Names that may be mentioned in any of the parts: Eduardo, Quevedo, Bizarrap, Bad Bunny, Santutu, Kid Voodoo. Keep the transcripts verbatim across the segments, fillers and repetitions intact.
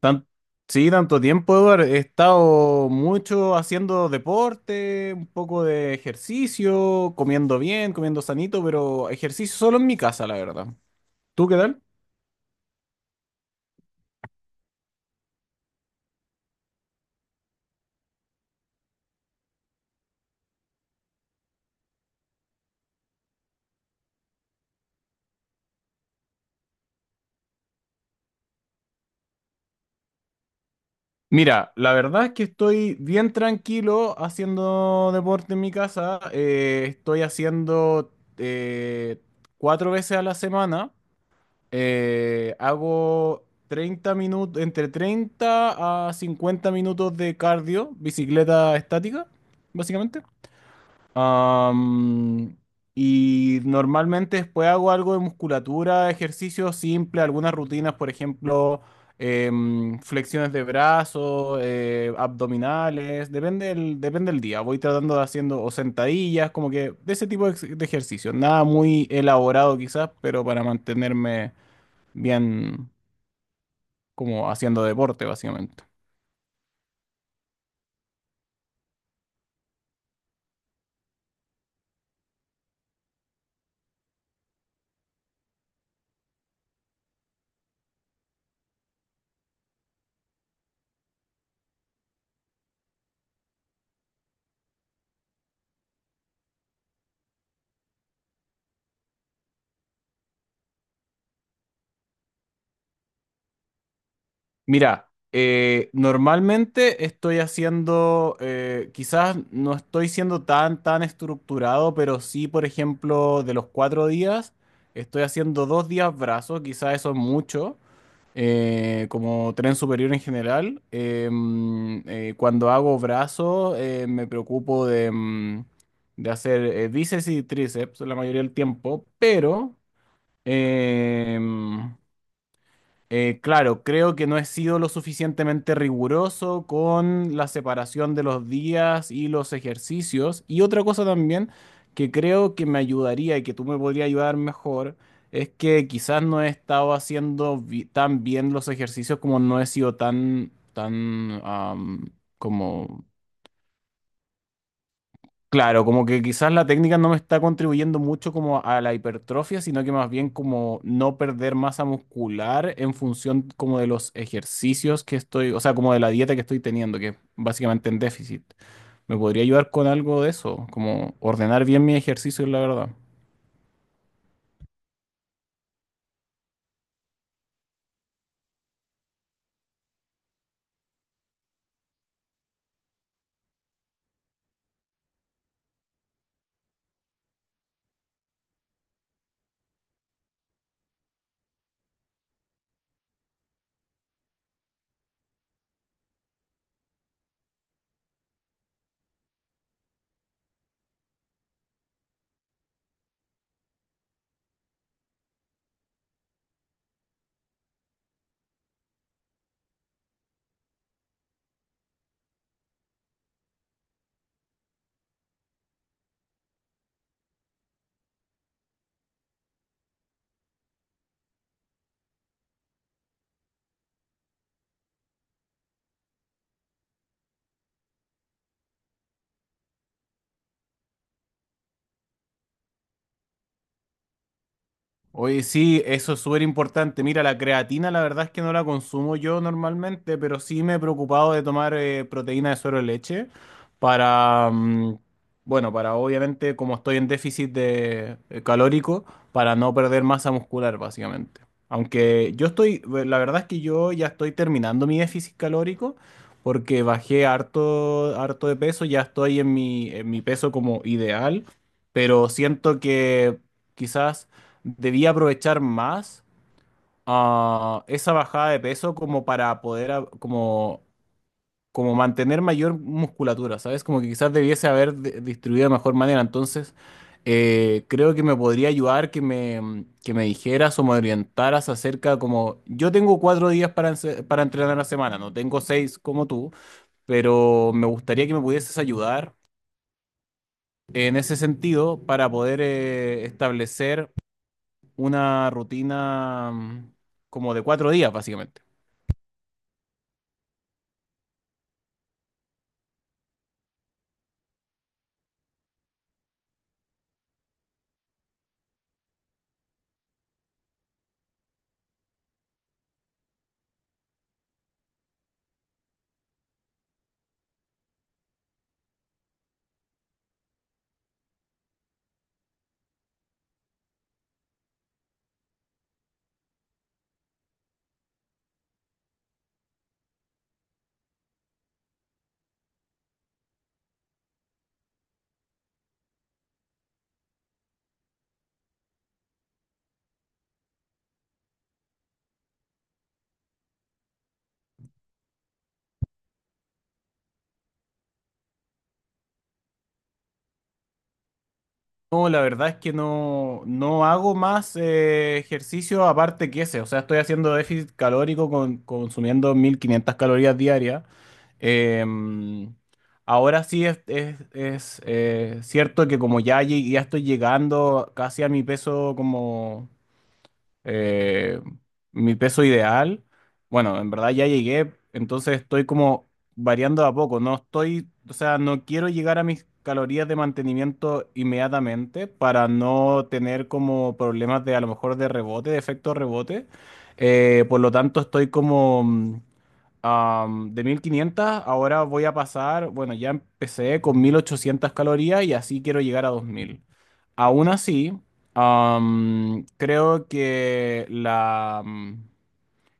Tan- sí, tanto tiempo, Eduardo. He estado mucho haciendo deporte, un poco de ejercicio, comiendo bien, comiendo sanito, pero ejercicio solo en mi casa, la verdad. ¿Tú qué tal? Mira, la verdad es que estoy bien tranquilo haciendo deporte en mi casa. Eh, estoy haciendo eh, cuatro veces a la semana. Eh, hago treinta minutos, entre treinta a cincuenta minutos de cardio, bicicleta estática, básicamente. Am, y normalmente después hago algo de musculatura, ejercicio simple, algunas rutinas, por ejemplo, em, flexiones de brazos, eh, abdominales, depende del, depende del día. Voy tratando de haciendo o sentadillas, como que de ese tipo de, ex- de ejercicio. Nada muy elaborado quizás, pero para mantenerme bien como haciendo deporte, básicamente. Mira, eh, normalmente estoy haciendo, eh, quizás no estoy siendo tan, tan estructurado, pero sí, por ejemplo, de los cuatro días, estoy haciendo dos días brazos, quizás eso es mucho. Eh, como tren superior en general. Eh, mm, eh, cuando hago brazos, eh, me preocupo de, mm, de hacer eh, bíceps y tríceps la mayoría del tiempo, pero eh, eh, claro, creo que no he sido lo suficientemente riguroso con la separación de los días y los ejercicios. Y otra cosa también que creo que me ayudaría y que tú me podrías ayudar mejor es que quizás no he estado haciendo bi- tan bien los ejercicios como no he sido tan, tan, am, como. Claro, como que quizás la técnica no me está contribuyendo mucho como a la hipertrofia, sino que más bien como no perder masa muscular en función como de los ejercicios que estoy, o sea, como de la dieta que estoy teniendo, que básicamente en déficit. ¿Me podría ayudar con algo de eso? Como ordenar bien mi ejercicio, la verdad. Oye, sí, eso es súper importante. Mira, la creatina la verdad es que no la consumo yo normalmente, pero sí me he preocupado de tomar eh, proteína de suero de leche para, mm, bueno, para obviamente como estoy en déficit de eh, calórico, para no perder masa muscular básicamente. Aunque yo estoy, eh, la verdad es que yo ya estoy terminando mi déficit calórico porque bajé harto, harto de peso, ya estoy en mi, en mi peso como ideal, pero siento que quizás debía aprovechar más ah, esa bajada de peso como para poder a- como, como mantener mayor musculatura, ¿sabes? Como que quizás debiese haber de- distribuido de mejor manera. Entonces, eh, creo que me podría ayudar que me, que me dijeras o me orientaras acerca como yo tengo cuatro días para, ense- para entrenar a la semana, no tengo seis como tú, pero me gustaría que me pudieses ayudar en ese sentido para poder eh, establecer una rutina mm, como de cuatro días, básicamente. No, la verdad es que no, no hago más eh, ejercicio aparte que ese. O sea, estoy haciendo déficit calórico con, consumiendo mil quinientas calorías diarias. Em, Ahora sí es, es- es, eh, cierto que como ya, llegué- ya estoy llegando casi a mi peso como eh, mi peso ideal. Bueno, en verdad ya llegué, entonces estoy como variando a poco. No estoy, o sea, no quiero llegar a mis calorías de mantenimiento inmediatamente para no tener como problemas de a lo mejor de rebote, de efecto rebote. Eh, por lo tanto, estoy como Am, de mil quinientas ahora voy a pasar, bueno, ya empecé con mil ochocientas calorías y así quiero llegar a dos mil. Aún así, am, creo que la,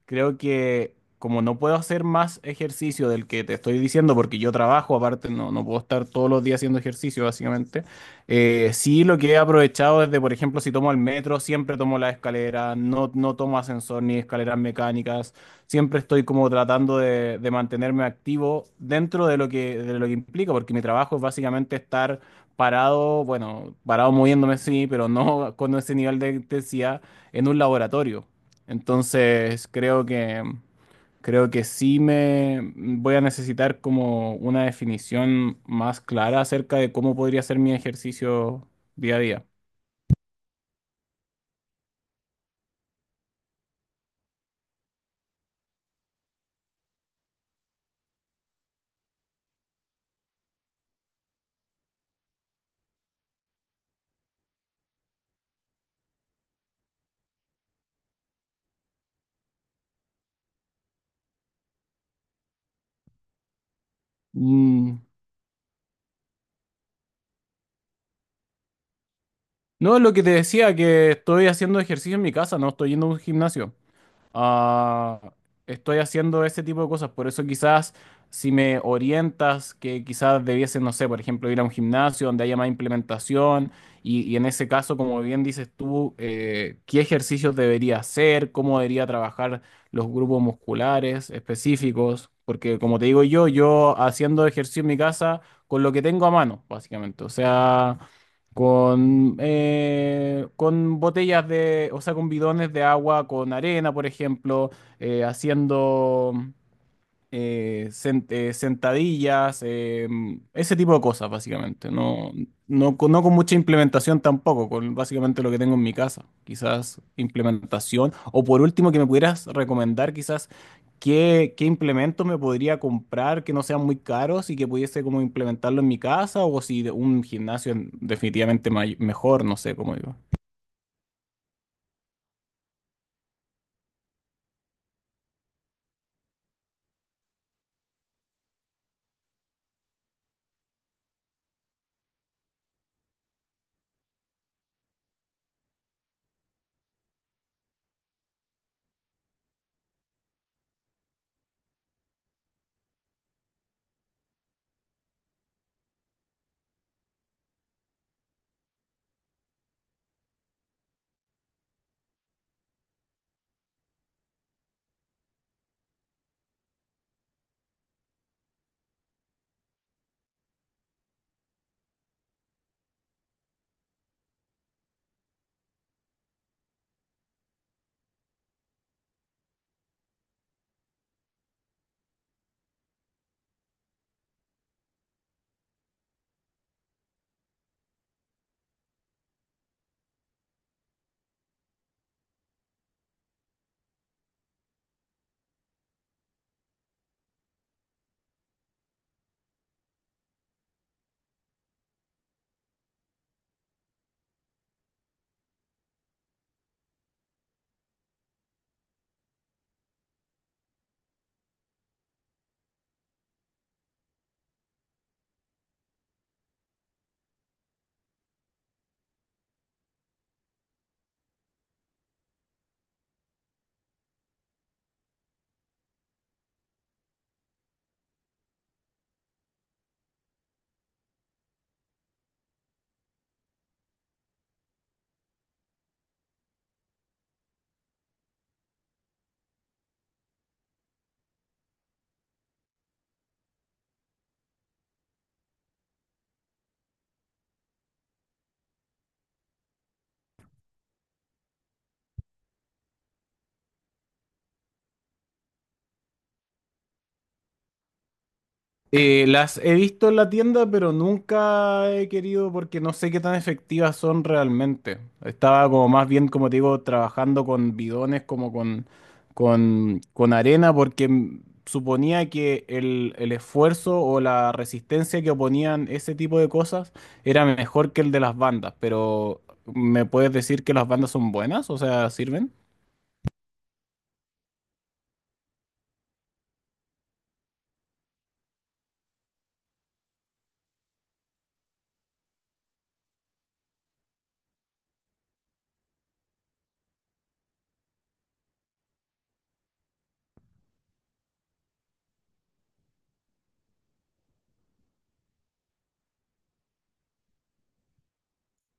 creo que como no puedo hacer más ejercicio del que te estoy diciendo, porque yo trabajo, aparte no, no puedo estar todos los días haciendo ejercicio, básicamente, eh, sí lo que he aprovechado es de, por ejemplo, si tomo el metro, siempre tomo la escalera, no, no tomo ascensor ni escaleras mecánicas, siempre estoy como tratando de, de mantenerme activo dentro de lo que, de lo que implica, porque mi trabajo es básicamente estar parado, bueno, parado moviéndome, sí, pero no con ese nivel de intensidad en un laboratorio. Entonces, creo que creo que sí me voy a necesitar como una definición más clara acerca de cómo podría ser mi ejercicio día a día. Mm. No, lo que te decía, que estoy haciendo ejercicio en mi casa, no estoy yendo a un gimnasio. Ah, estoy haciendo ese tipo de cosas, por eso quizás si me orientas que quizás debiese, no sé, por ejemplo, ir a un gimnasio donde haya más implementación y, y en ese caso, como bien dices tú, eh, qué ejercicios debería hacer, cómo debería trabajar los grupos musculares específicos, porque como te digo yo, yo haciendo ejercicio en mi casa con lo que tengo a mano, básicamente, o sea... Con, eh, con botellas de, o sea, con bidones de agua, con arena, por ejemplo, eh, haciendo, eh, sen- eh, sentadillas, eh, ese tipo de cosas, básicamente. No, no, con- no con mucha implementación tampoco, con básicamente lo que tengo en mi casa. Quizás implementación. O por último, que me pudieras recomendar quizás qué, qué implementos me podría comprar que no sean muy caros y que pudiese como implementarlo en mi casa o si de- un gimnasio en- definitivamente may- mejor, no sé cómo digo. Eh, las he visto en la tienda, pero nunca he querido porque no sé qué tan efectivas son realmente. Estaba como más bien, como te digo, trabajando con bidones, como con, con, con arena, porque mm, suponía que el, el esfuerzo o la resistencia que oponían ese tipo de cosas era mejor que el de las bandas. Pero, ¿me puedes decir que las bandas son buenas? O sea, ¿sirven?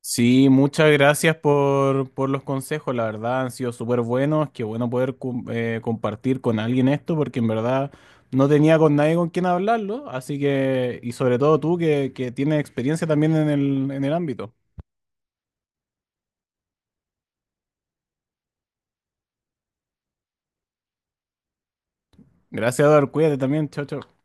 Sí, muchas gracias por, por los consejos, la verdad han sido súper buenos, qué bueno poder cum- eh, compartir con alguien esto, porque en verdad no tenía con nadie con quien hablarlo, así que, y sobre todo tú que, que tienes experiencia también en el, en el ámbito. Gracias, Eduardo, cuídate también, chao, chao.